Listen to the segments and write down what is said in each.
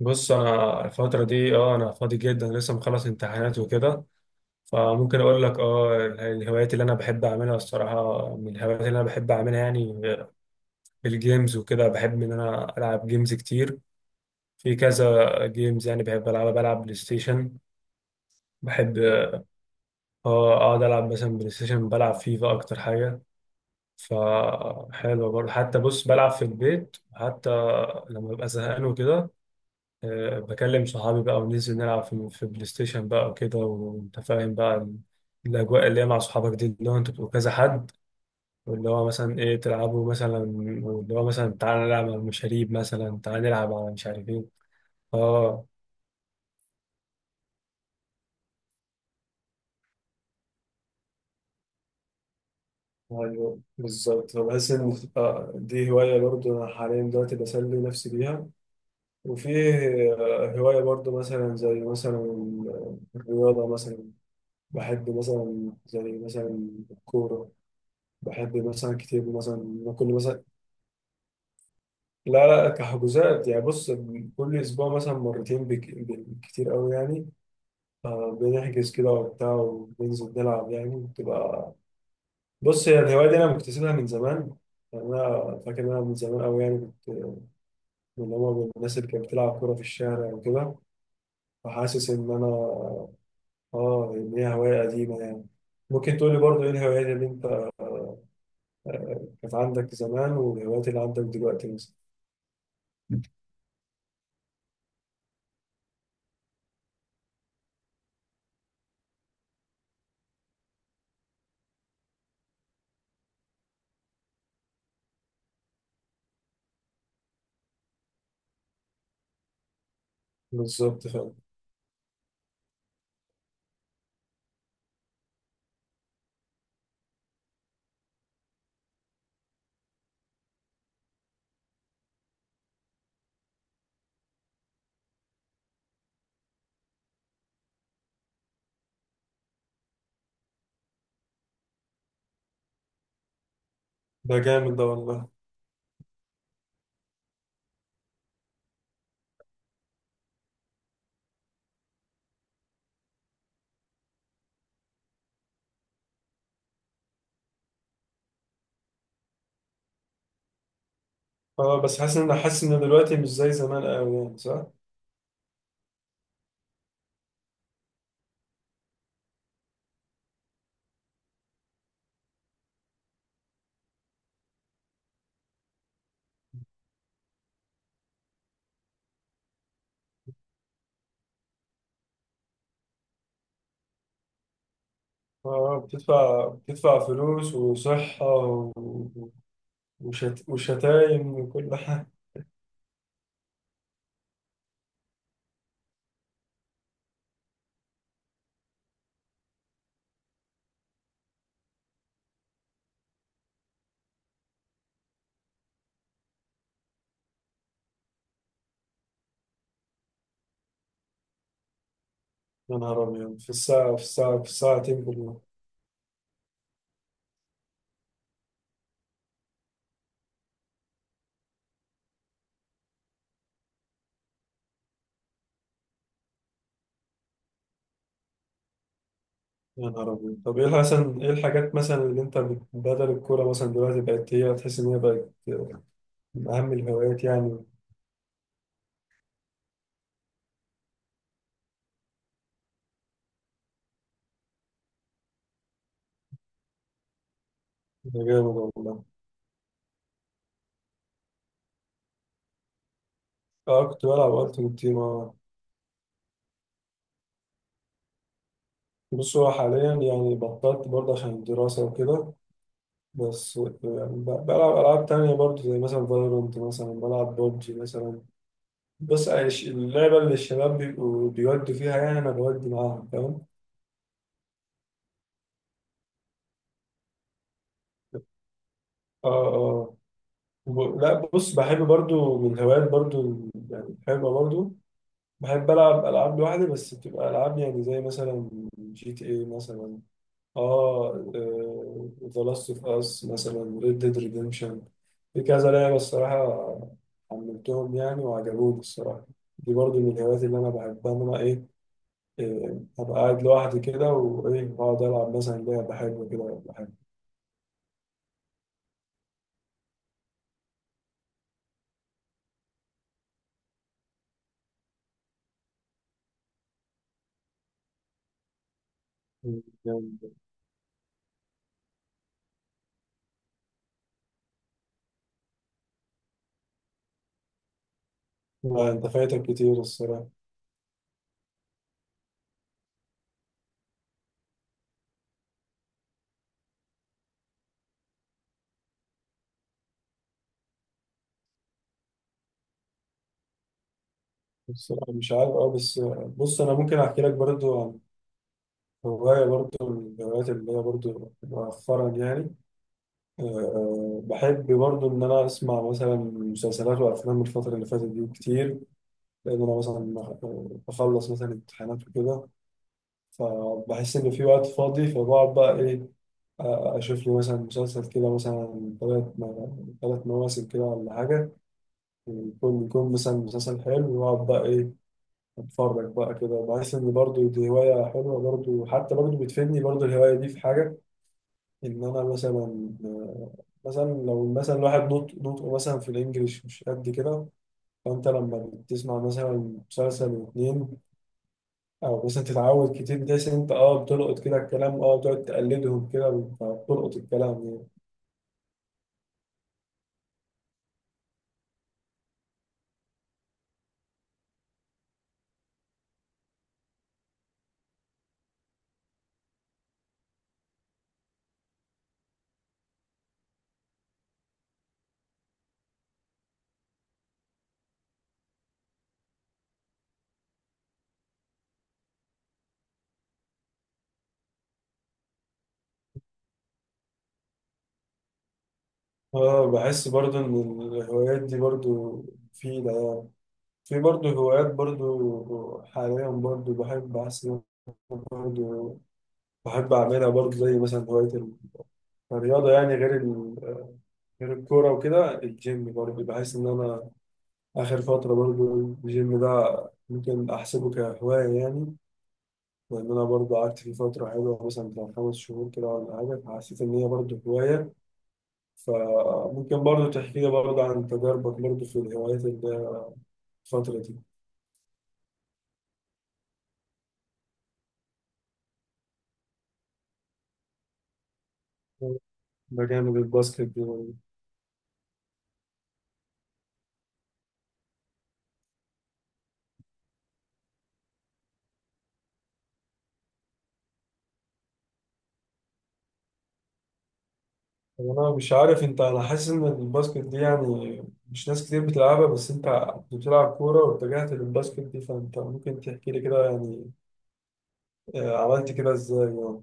بص، انا الفتره دي انا فاضي جدا، لسه مخلص امتحانات وكده. فممكن اقول لك الهوايات اللي انا بحب اعملها الصراحه، من الهوايات اللي انا بحب اعملها يعني الجيمز وكده. بحب ان انا العب جيمز كتير، في كذا جيمز يعني بحب العبها. بلعب بلاي ستيشن، بحب اه اقعد العب مثلا بلاي ستيشن، بلعب فيفا اكتر حاجه. فحلوه برضه، حتى بص بلعب في البيت حتى لما ببقى زهقان وكده. بكلم صحابي بقى وننزل نلعب في بلاي ستيشن بقى وكده، وانت فاهم بقى الاجواء اللي هي مع صحابك دي، اللي هو انتوا بتبقوا كذا حد. واللي هو مثلا ايه تلعبوا مثلا، واللي هو مثلا تعالى نلعب على المشاريب مثلا، تعالى نلعب على مش عارف ايه. اه، ايوه بالظبط. بحس ان دي هوايه برضو انا حاليا دلوقتي بسلي نفسي بيها. وفي هوايه برضو مثلا زي مثلا الرياضه مثلا، بحب مثلا زي مثلا الكوره. بحب مثلا كتير مثلا كل مثلا. لا لا، كحجوزات يعني. بص، كل اسبوع مثلا مرتين، بالكتير قوي يعني. بنحجز كده وبتاع وبننزل نلعب، يعني بتبقى. بص، هي الهوايه دي انا مكتسبها من زمان. يعني انا فاكر ان انا من زمان قوي يعني كنت من الناس اللي كانت بتلعب كوره في الشارع وكده. فحاسس ان انا اه ان هي هوايه قديمه يعني. ممكن تقولي برضه ايه الهوايات اللي انت كانت عندك زمان، والهوايات اللي عندك دلوقتي مثلا. بالظبط. ده جامد ده والله. اه، بس حاسس ان دلوقتي مش زي زمان قوي يعني، صح؟ اه، بتدفع فلوس وصحة وشتايم وكل حاجة. يا نهار أبيض، في الساعتين بالله. يا نهار أبيض، طب إيه الحاجات مثلا اللي أنت بدل الكورة مثلا دلوقتي، بقت هي تحس إن هي بقت من أهم الهوايات يعني. ده جامد والله. اه، كنت بلعب ألعب تيم اه. بص، هو حاليا يعني بطلت برضه عشان الدراسة وكده. بس بلعب ألعاب تانية برضو زي مثلا فالورانت، مثلا بلعب ببجي مثلا. بص، اللعبة اللي الشباب بيبقوا بيودوا فيها، يعني أنا بودي معاهم، فاهم. اه، اه. لا، بص، بحب برضو من الهوايات برضو، يعني بحبها برضو. بحب ألعب ألعاب لوحدي، بس بتبقى ألعاب يعني زي مثلا جي تي اي مثلا، اه ذا لاست اوف اس مثلا، ريد ديد ريديمشن. في كذا لعبه الصراحه، حملتهم يعني وعجبوني الصراحه. دي برضو من الهوايات اللي انا بحبها، ان انا ايه، ابقى قاعد لوحدي كده، وايه اقعد العب مثلا لعبه حلوه كده ولا حاجه. يعني ما انت فايتك كتير الصراحه. الصراحه مش عارف، بس بص انا ممكن احكي لك برضو عن هوايه برضو، من الهوايات اللي هي برضو مؤخرا يعني. بحب برضه إن أنا أسمع مثلا مسلسلات وأفلام الفترة اللي فاتت دي كتير، لأن أنا مثلا بخلص مثلا امتحانات وكده، فبحس إن في وقت فاضي. فبقعد بقى إيه، أ- أشوف لي مثلا مسلسل كده مثلا تلات مواسم كده ولا حاجة. يكون مثلا مسلسل حلو، وأقعد بقى إيه، أتفرج بقى كده. بحس إن برضه دي هواية حلوة برضه، حتى برضه بتفيدني برضه. الهواية دي في حاجة، ان انا مثلا، لو مثلا الواحد نطق نطقه مثلا في الانجليش مش قد كده، فانت لما بتسمع مثلا مسلسل واتنين او مثلا تتعود كتير، بتحس ان انت بتلقط كده الكلام، بتقعد تقلدهم كده فبتلقط الكلام يعني. اه، بحس برضو ان الهوايات دي برضو مفيدة يعني. في برضو هوايات برضو حاليا برضو، بحب احس إن أنا برضو بحب اعملها برضو، زي مثلا هواية الرياضة يعني. غير الكورة وكده، الجيم برضه، بحس إن أنا آخر فترة برضه الجيم ده ممكن أحسبه كهواية يعني، لأن أنا برضه قعدت فيه فترة حلوة مثلا بتاع 5 شهور كده ولا حاجة، فحسيت إن هي برضه هواية. فممكن برضه تحكي لي برضه عن تجاربك برضه في الهوايات اللي الفترة دي. ده جامد، الباسكت دي برضه. طب أنا مش عارف أنت، أنا حاسس إن الباسكت دي يعني مش ناس كتير بتلعبها، بس أنت بتلعب كورة واتجهت للباسكت دي، فأنت ممكن تحكي لي كده يعني عملت كده ازاي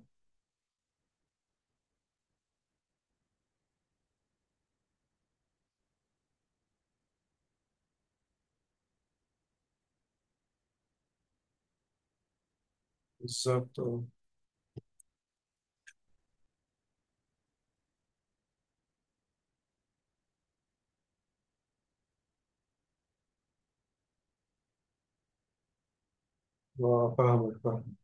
بالظبط اه. آه، فاهمك فاهم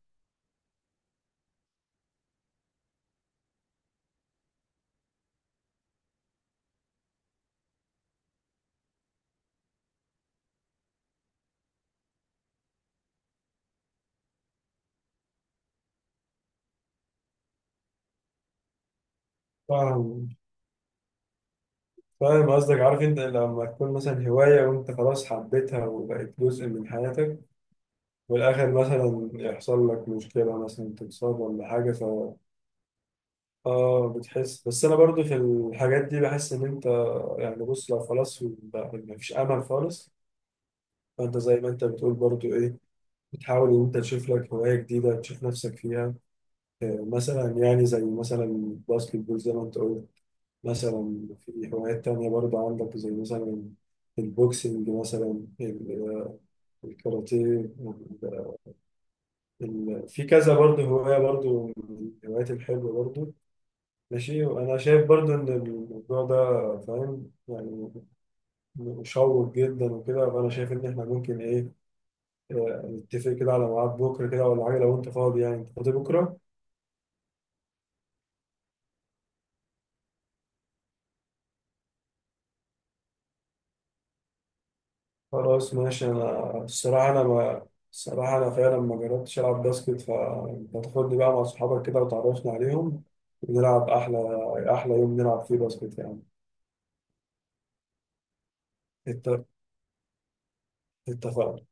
فاهم فاهم قصدك. عارف انت، لما تكون مثلا هواية وانت خلاص حبيتها وبقت جزء من حياتك، والاخر مثلا يحصل لك مشكلة مثلا تتصاب ولا حاجة، ف اه بتحس. بس انا برضو في الحاجات دي بحس ان انت، يعني بص لو خلاص ما فيش امل خالص، فانت زي ما انت بتقول برضو ايه، بتحاول ان انت تشوف لك هواية جديدة تشوف نفسك فيها. مثلا يعني زي مثلا الباسكت بول زي ما انت قلت. مثلا في هوايات تانية برضه عندك زي مثلا البوكسنج مثلا، الكاراتيه، في كذا برضه هواية برضه من الهوايات الحلوة برضه. ماشي، وأنا شايف برضه إن الموضوع ده، فاهم يعني، مشوق جدا وكده. فأنا شايف إن إحنا ممكن إيه نتفق كده على ميعاد بكرة كده ولا حاجة لو أنت فاضي يعني. أنت فاضي بكرة؟ خلاص ماشي. انا الصراحه انا ما الصراحه انا فعلا ما جربتش العب باسكت، فانت تاخدني بقى مع صحابك كده وتعرفنا عليهم، ونلعب احلى احلى يوم نلعب فيه باسكت يعني. اتفق- اتفقنا.